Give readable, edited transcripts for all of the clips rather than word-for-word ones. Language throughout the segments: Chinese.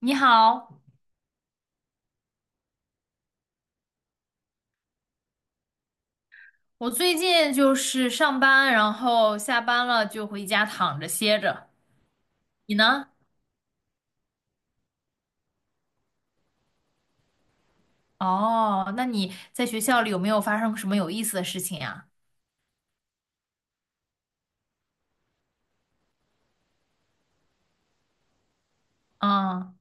你好，我最近就是上班，然后下班了就回家躺着歇着。你呢？哦，那你在学校里有没有发生什么有意思的事情呀？啊，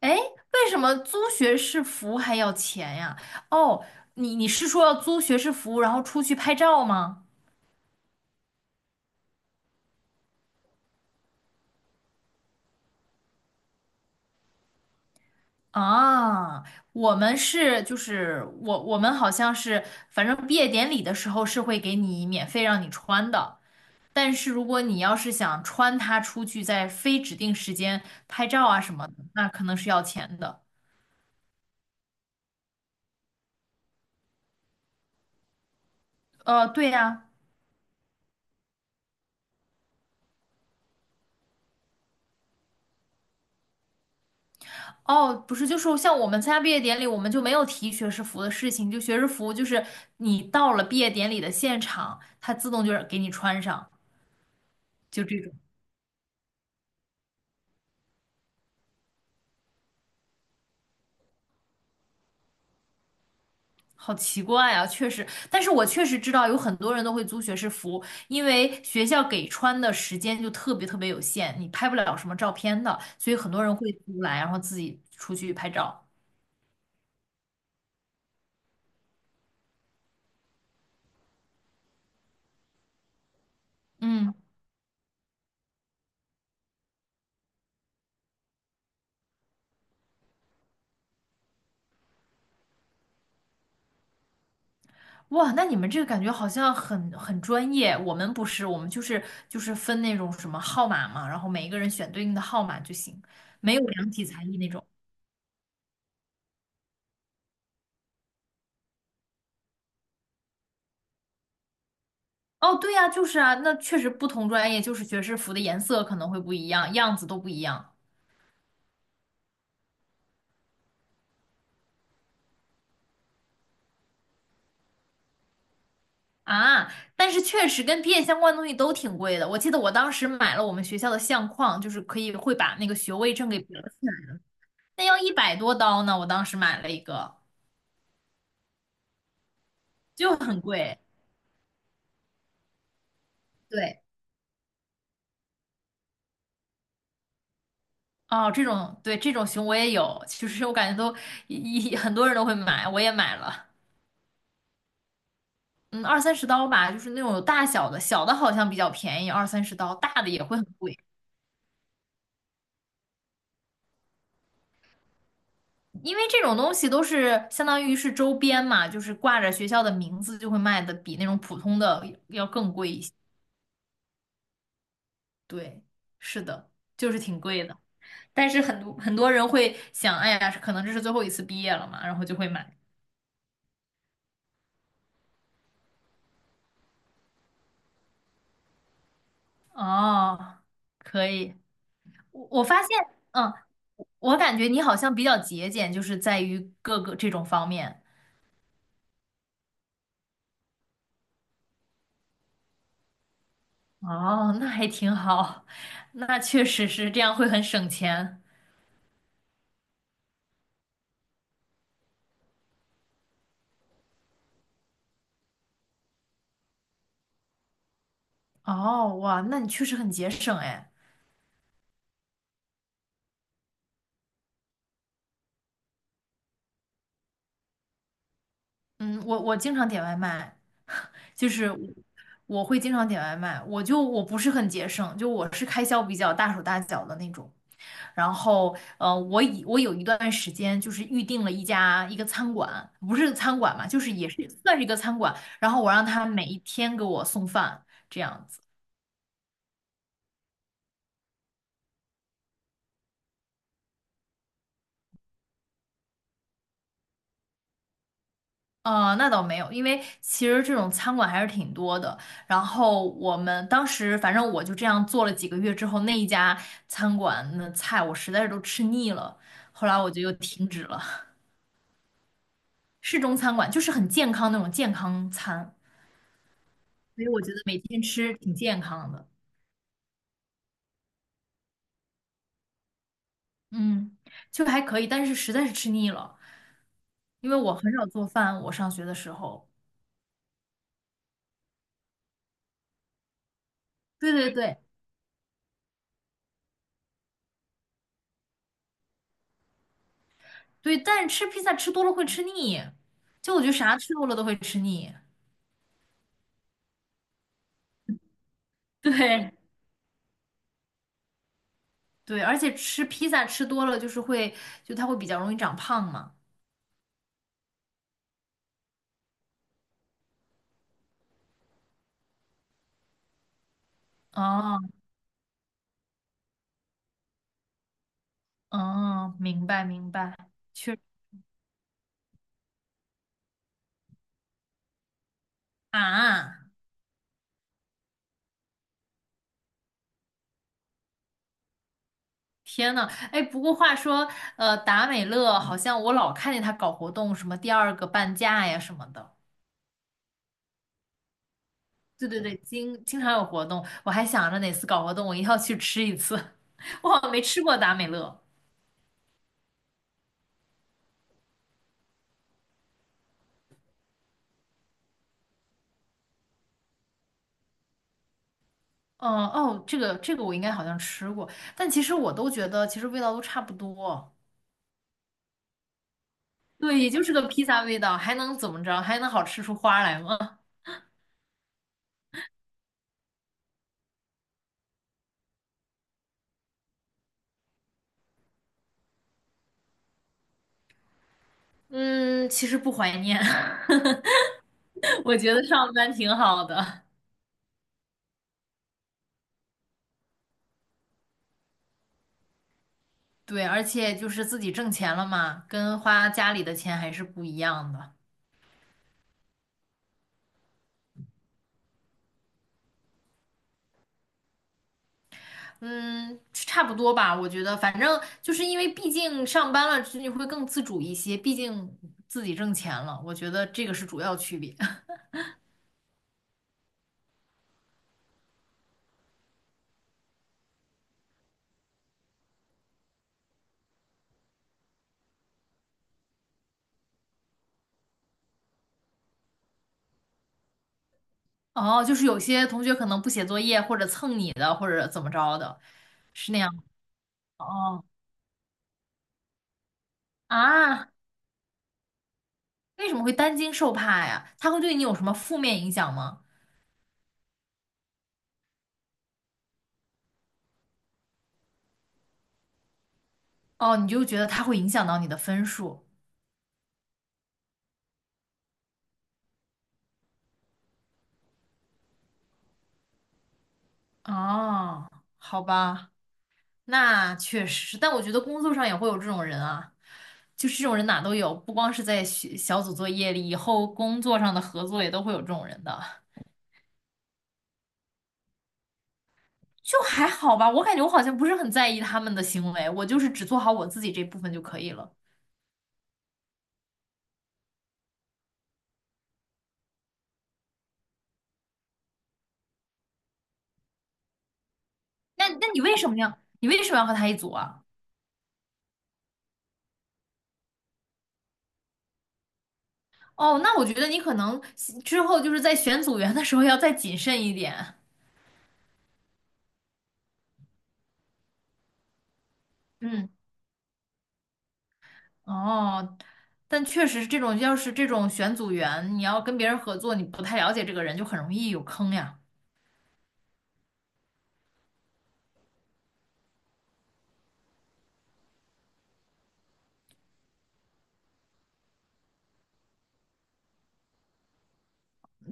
哎，为什么租学士服还要钱呀？哦，你是说要租学士服，然后出去拍照吗？啊，我们是就是我我们好像是，反正毕业典礼的时候是会给你免费让你穿的。但是如果你要是想穿它出去，在非指定时间拍照啊什么的，那可能是要钱的。对呀，哦，不是，就是像我们参加毕业典礼，我们就没有提学士服的事情，就学士服就是你到了毕业典礼的现场，它自动就是给你穿上，就这种。好奇怪啊，确实，但是我确实知道有很多人都会租学士服，因为学校给穿的时间就特别特别有限，你拍不了什么照片的，所以很多人会租来，然后自己出去拍照。嗯，哇，那你们这个感觉好像很专业，我们不是，我们就是分那种什么号码嘛，然后每一个人选对应的号码就行，没有量体裁衣那种。哦，对呀，就是啊，那确实不同专业就是学士服的颜色可能会不一样，样子都不一样啊。但是确实跟毕业相关的东西都挺贵的，我记得我当时买了我们学校的相框，就是可以会把那个学位证给裱起来，那要一百多刀呢，我当时买了一个，就很贵。对。哦，这种，对，这种熊我也有，其实我感觉都很多人都会买，我也买了，嗯，二三十刀吧，就是那种有大小的，小的好像比较便宜，二三十刀，大的也会很贵，因为这种东西都是相当于是周边嘛，就是挂着学校的名字就会卖的比那种普通的要更贵一些，对，是的，就是挺贵的，但是很多很多人会想，哎呀，可能这是最后一次毕业了嘛，然后就会买，哦，可以，我我发现。嗯，我感觉你好像比较节俭，就是在于各个这种方面。哦，那还挺好，那确实是这样会很省钱。哦，哇，那你确实很节省哎。嗯，我经常点外卖。就是我我会经常点外卖，我不是很节省，就我是开销比较大手大脚的那种。然后，我有一段时间就是预定了一个餐馆，不是餐馆嘛，就是也是算是一个餐馆。然后我让他每一天给我送饭，这样子。那倒没有，因为其实这种餐馆还是挺多的。然后我们当时反正我就这样做了几个月之后，那一家餐馆的菜我实在是都吃腻了，后来我就又停止了。市中餐馆，就是很健康那种健康餐，所以我觉得每天吃挺健康的，嗯，就还可以，但是实在是吃腻了，因为我很少做饭，我上学的时候，对对对，但是吃披萨吃多了会吃腻，就我觉得啥吃多了都会吃腻，对对，而且吃披萨吃多了就是会，就它会比较容易长胖嘛，哦哦，明白明白，确实啊。天呐，哎，不过话说，达美乐好像我老看见他搞活动，什么第二个半价呀什么的。对对对，经常有活动，我还想着哪次搞活动我一定要去吃一次。我好像没吃过达美乐。嗯，哦，这个我应该好像吃过，但其实我都觉得其实味道都差不多。对，也就是个披萨味道，还能怎么着？还能好吃出花来吗？嗯，其实不怀念，我觉得上班挺好的。对，而且就是自己挣钱了嘛，跟花家里的钱还是不一样的。嗯，差不多吧，我觉得，反正就是因为毕竟上班了，就你会更自主一些，毕竟自己挣钱了，我觉得这个是主要区别。哦，就是有些同学可能不写作业，或者蹭你的，或者怎么着的，是那样吗哦，啊，为什么会担惊受怕呀？他会对你有什么负面影响吗？哦，你就觉得他会影响到你的分数。哦，好吧。那确实，但我觉得工作上也会有这种人啊，就是这种人哪都有，不光是在学小组作业里，以后工作上的合作也都会有这种人的。就还好吧，我感觉我好像不是很在意他们的行为，我就是只做好我自己这部分就可以了。那你为什么要和他一组啊？哦，那我觉得你可能之后就是在选组员的时候要再谨慎一点。嗯。哦，但确实是这种，要是这种选组员，你要跟别人合作，你不太了解这个人，就很容易有坑呀。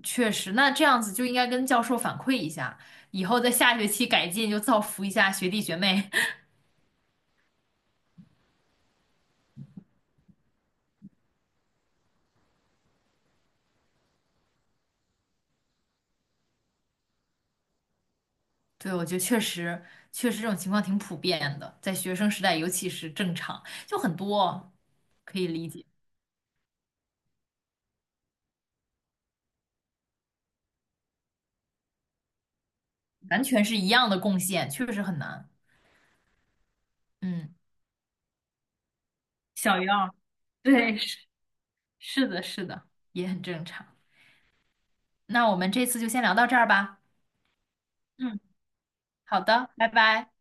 确实，那这样子就应该跟教授反馈一下，以后在下学期改进，就造福一下学弟学妹。对，我觉得确实，确实这种情况挺普遍的，在学生时代尤其是正常，就很多可以理解，完全是一样的贡献，确实很难。嗯，小于二，对，是是的，是的，也很正常。那我们这次就先聊到这儿吧。嗯。好的，拜拜。